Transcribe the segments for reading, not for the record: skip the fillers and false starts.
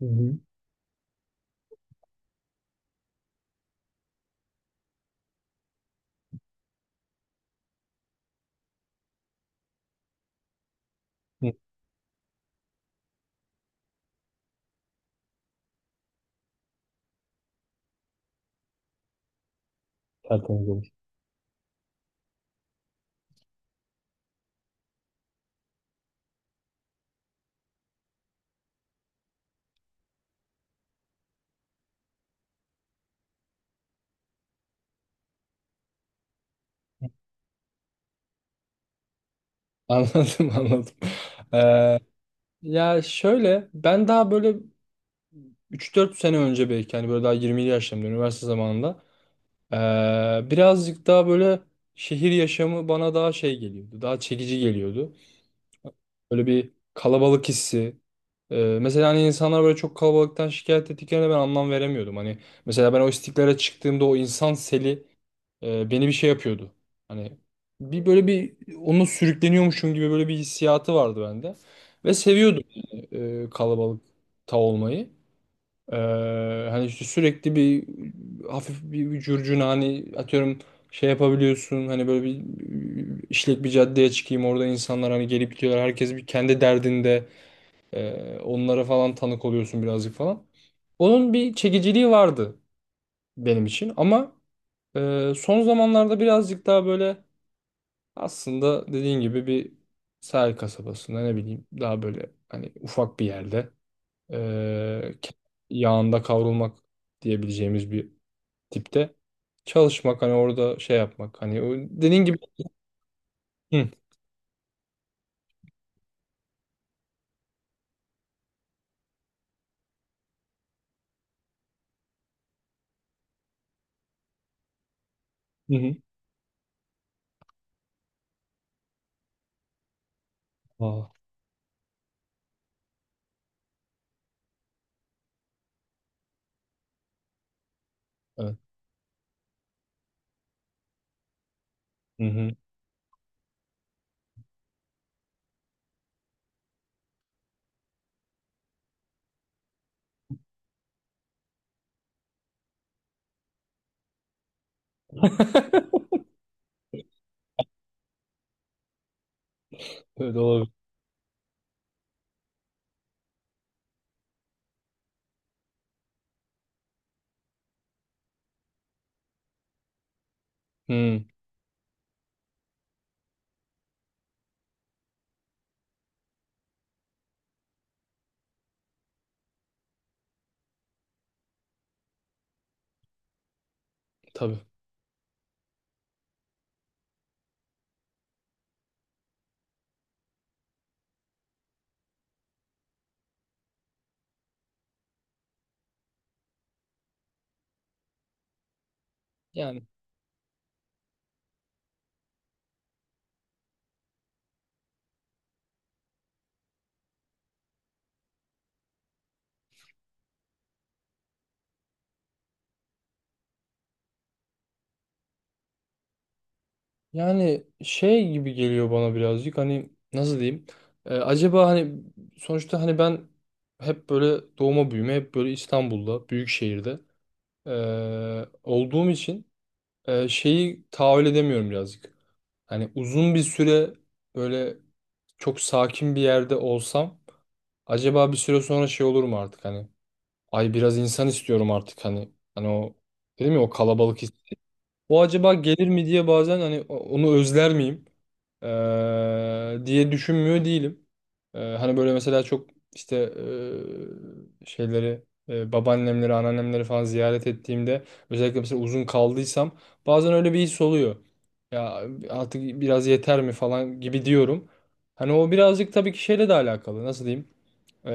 Hı hı. Hı. Tertemiz olur. Anladım, anladım. Ee, Ya şöyle, ben daha böyle üç dört sene önce belki, hani böyle daha 20'li yaşlarımda, üniversite zamanında, birazcık daha böyle şehir yaşamı bana daha şey geliyordu. Daha çekici geliyordu. Böyle bir kalabalık hissi. Mesela hani insanlar böyle çok kalabalıktan şikayet ettiklerine ben anlam veremiyordum. Hani mesela ben o istiklale çıktığımda o insan seli beni bir şey yapıyordu. Hani bir böyle bir onunla sürükleniyormuşum gibi böyle bir hissiyatı vardı bende. Ve seviyordum, yani kalabalıkta olmayı. E, Hani işte sürekli bir hafif bir curcuna, hani atıyorum şey yapabiliyorsun, hani böyle bir işlek bir caddeye çıkayım, orada insanlar hani gelip gidiyorlar, herkes bir kendi derdinde, onlara falan tanık oluyorsun birazcık falan. Onun bir çekiciliği vardı benim için ama son zamanlarda birazcık daha böyle aslında dediğin gibi bir sahil kasabasında ne bileyim daha böyle hani ufak bir yerde eee, ke- yağında kavrulmak diyebileceğimiz bir tipte çalışmak, hani orada şey yapmak, hani o dediğin gibi. Hı hı hı. Aa, evet. Hı hı. Öyle olabilir. Hı, tabii. Yani yani şey gibi geliyor bana birazcık, hani nasıl diyeyim? Acaba hani sonuçta hani ben hep böyle doğma büyüme, hep böyle İstanbul'da, büyük şehirde olduğum için şeyi tahammül edemiyorum birazcık. Hani uzun bir süre böyle çok sakin bir yerde olsam acaba bir süre sonra şey olur mu artık, hani ay biraz insan istiyorum artık, hani hani o dedim ya, o kalabalık his. O acaba gelir mi diye bazen hani onu özler miyim? Diye düşünmüyor değilim. Hani böyle mesela çok işte şeyleri babaannemleri, anneannemleri falan ziyaret ettiğimde, özellikle mesela uzun kaldıysam bazen öyle bir his oluyor. Ya artık biraz yeter mi falan gibi diyorum. Hani o birazcık tabii ki şeyle de alakalı. Nasıl diyeyim? Ee,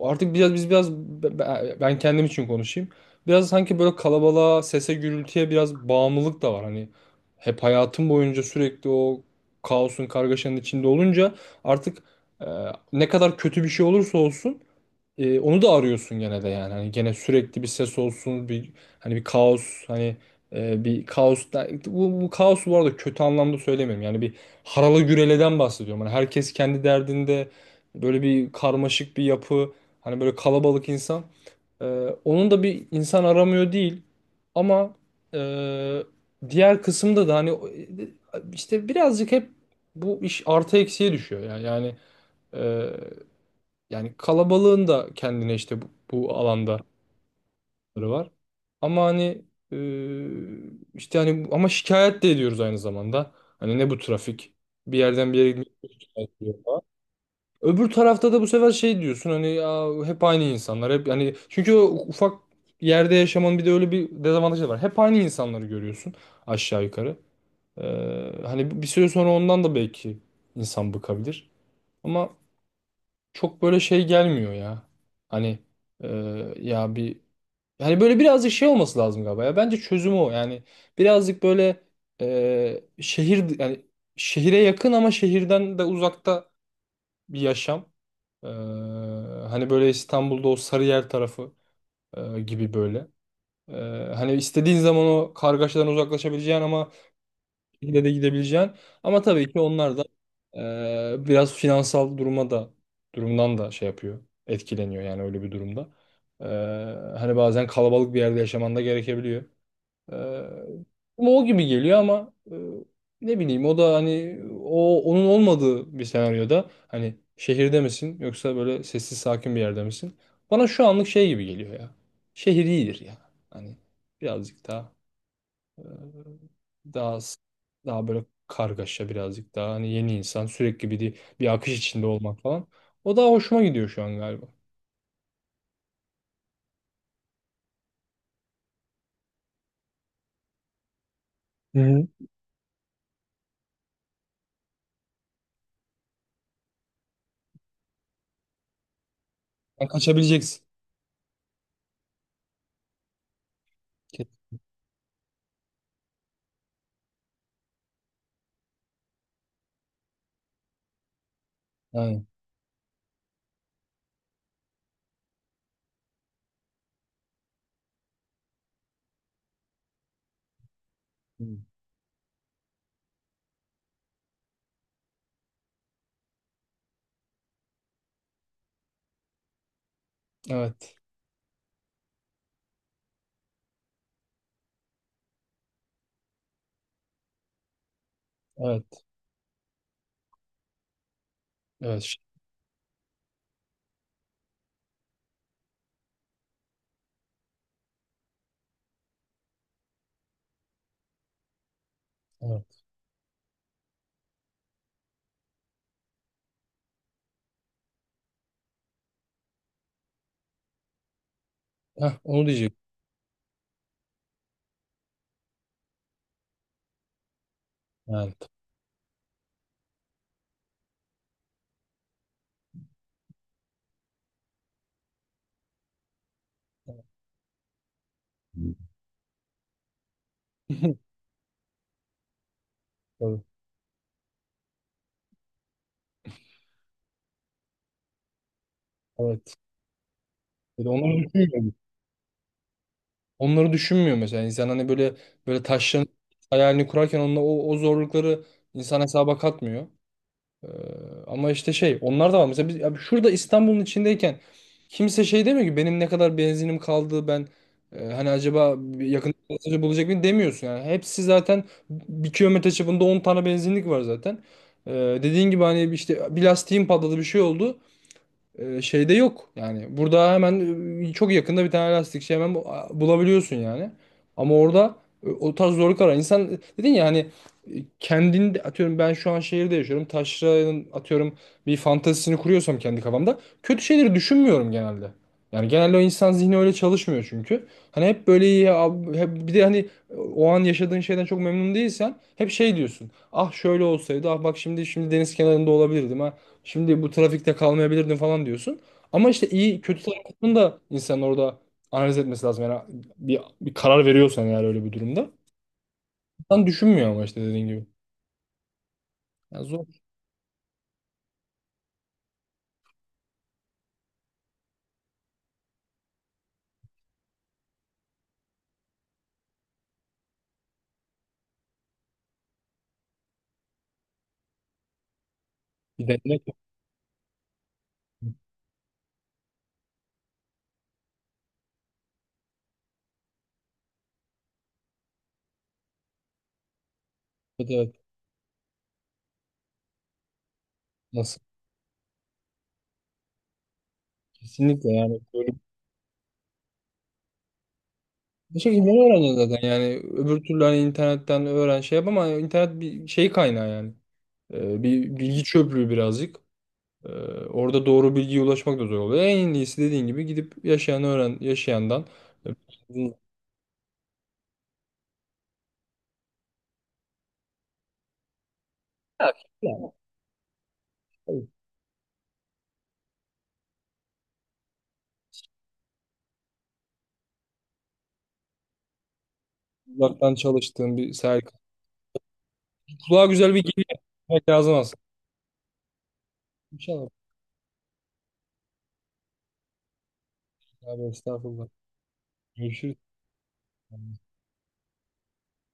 Artık biraz biz biraz be- be- ben kendim için konuşayım. Biraz sanki böyle kalabalığa, sese, gürültüye biraz bağımlılık da var. Hani hep hayatım boyunca sürekli o kaosun, kargaşanın içinde olunca artık, e, ne kadar kötü bir şey olursa olsun onu da arıyorsun gene de yani. Hani gene sürekli bir ses olsun, bir hani bir kaos, hani bir kaos, bu kaos bu arada kötü anlamda söylemiyorum. Yani bir harala güreleden bahsediyorum. Hani herkes kendi derdinde böyle bir karmaşık bir yapı, hani böyle kalabalık insan. E, Onun da bir insan aramıyor değil. Ama e, diğer kısımda da, hani işte birazcık hep, bu iş artı eksiye düşüyor ya. Yani kalabalığın da kendine işte bu alanda var. Ama hani e, işte hani ama şikayet de ediyoruz aynı zamanda. Hani ne bu trafik? Bir yerden bir yere gitmek şikayet ediyor falan. Öbür tarafta da bu sefer şey diyorsun hani ya, hep aynı insanlar hep, hani çünkü o ufak yerde yaşamanın bir de öyle bir dezavantajı var. Hep aynı insanları görüyorsun aşağı yukarı. Hani bir süre sonra ondan da belki insan bıkabilir. Ama çok böyle şey gelmiyor ya. Hani e, ya bir, hani böyle birazcık şey olması lazım galiba ya. Bence çözümü o. Yani birazcık böyle şehir, yani şehire yakın ama şehirden de uzakta bir yaşam. E, Hani böyle İstanbul'da o Sarıyer tarafı gibi böyle. E, Hani istediğin zaman o kargaşadan uzaklaşabileceğin ama şekilde de gidebileceğin. Ama tabii ki onlar da biraz finansal duruma da durumdan da şey yapıyor. Etkileniyor yani öyle bir durumda. E, Hani bazen kalabalık bir yerde yaşaman da gerekebiliyor. E, Ama o gibi geliyor ama ne bileyim, o da hani o onun olmadığı bir senaryoda, hani şehirde misin yoksa böyle sessiz sakin bir yerde misin? Bana şu anlık şey gibi geliyor ya. Şehir iyidir ya. Hani birazcık daha Daha böyle kargaşa birazcık daha, hani yeni insan sürekli bir akış içinde olmak falan. O daha hoşuma gidiyor şu an galiba. Hı hı. Yani kaçabileceksin. Ke- Yani. Hı. Evet. Evet. Evet. Evet. Heh, onu diyecek. Yani. Hı. Tabii. Evet. Bir de onları düşünmüyor. Onları düşünmüyor mesela. İnsan hani böyle, böyle taşların hayalini kurarken onunla o zorlukları insan hesaba katmıyor. Ee, Ama işte şey onlar da var. Mesela biz, abi şurada İstanbul'un içindeyken kimse şey demiyor ki benim ne kadar benzinim kaldı ben, hani acaba bir yakın gazeteci bulacak mıyım demiyorsun yani. Hepsi zaten bir kilometre çapında 10 tane benzinlik var zaten. Ee, Dediğin gibi hani işte bir lastiğim patladı, bir şey oldu, şeyde yok. Yani burada hemen çok yakında bir tane lastikçi hemen bulabiliyorsun yani. Ama orada o tarz zorluk arar. İnsan dedin ya hani e, kendinde atıyorum ben şu an şehirde yaşıyorum. Taşra'nın atıyorum bir fantezisini kuruyorsam kendi kafamda, kötü şeyleri düşünmüyorum genelde. Yani genelde o insan zihni öyle çalışmıyor çünkü. Hani hep böyle iyi abi, hep, bir de hani o an yaşadığın şeyden çok memnun değilsen hep şey diyorsun. Ah şöyle olsaydı. Ah bak şimdi, şimdi deniz kenarında olabilirdim. Şimdi bu trafikte kalmayabilirdin falan diyorsun. Ama işte iyi kötü tarafını da insanın orada analiz etmesi lazım. Yani bir karar veriyorsan eğer öyle bir durumda. İnsan düşünmüyor ama işte dediğin gibi. Yani zor. Bir denemek. Evet, evet. Nasıl? Kesinlikle yani. Böyle bir şekilde öğreneceksin zaten. Yani öbür türlü hani internetten öğren şey yap ama internet bir şey kaynağı yani. Bir bilgi çöplüğü birazcık. Ee, Orada doğru bilgiye ulaşmak da zor oluyor. En iyisi dediğin gibi gidip yaşayan öğren yaşayandan. Tabii. Uzaktan çalıştığım bir sergi. Kulağa güzel bir geliyor. Evet, lazım aslında. İnşallah. Abi, estağfurullah. Görüşürüz.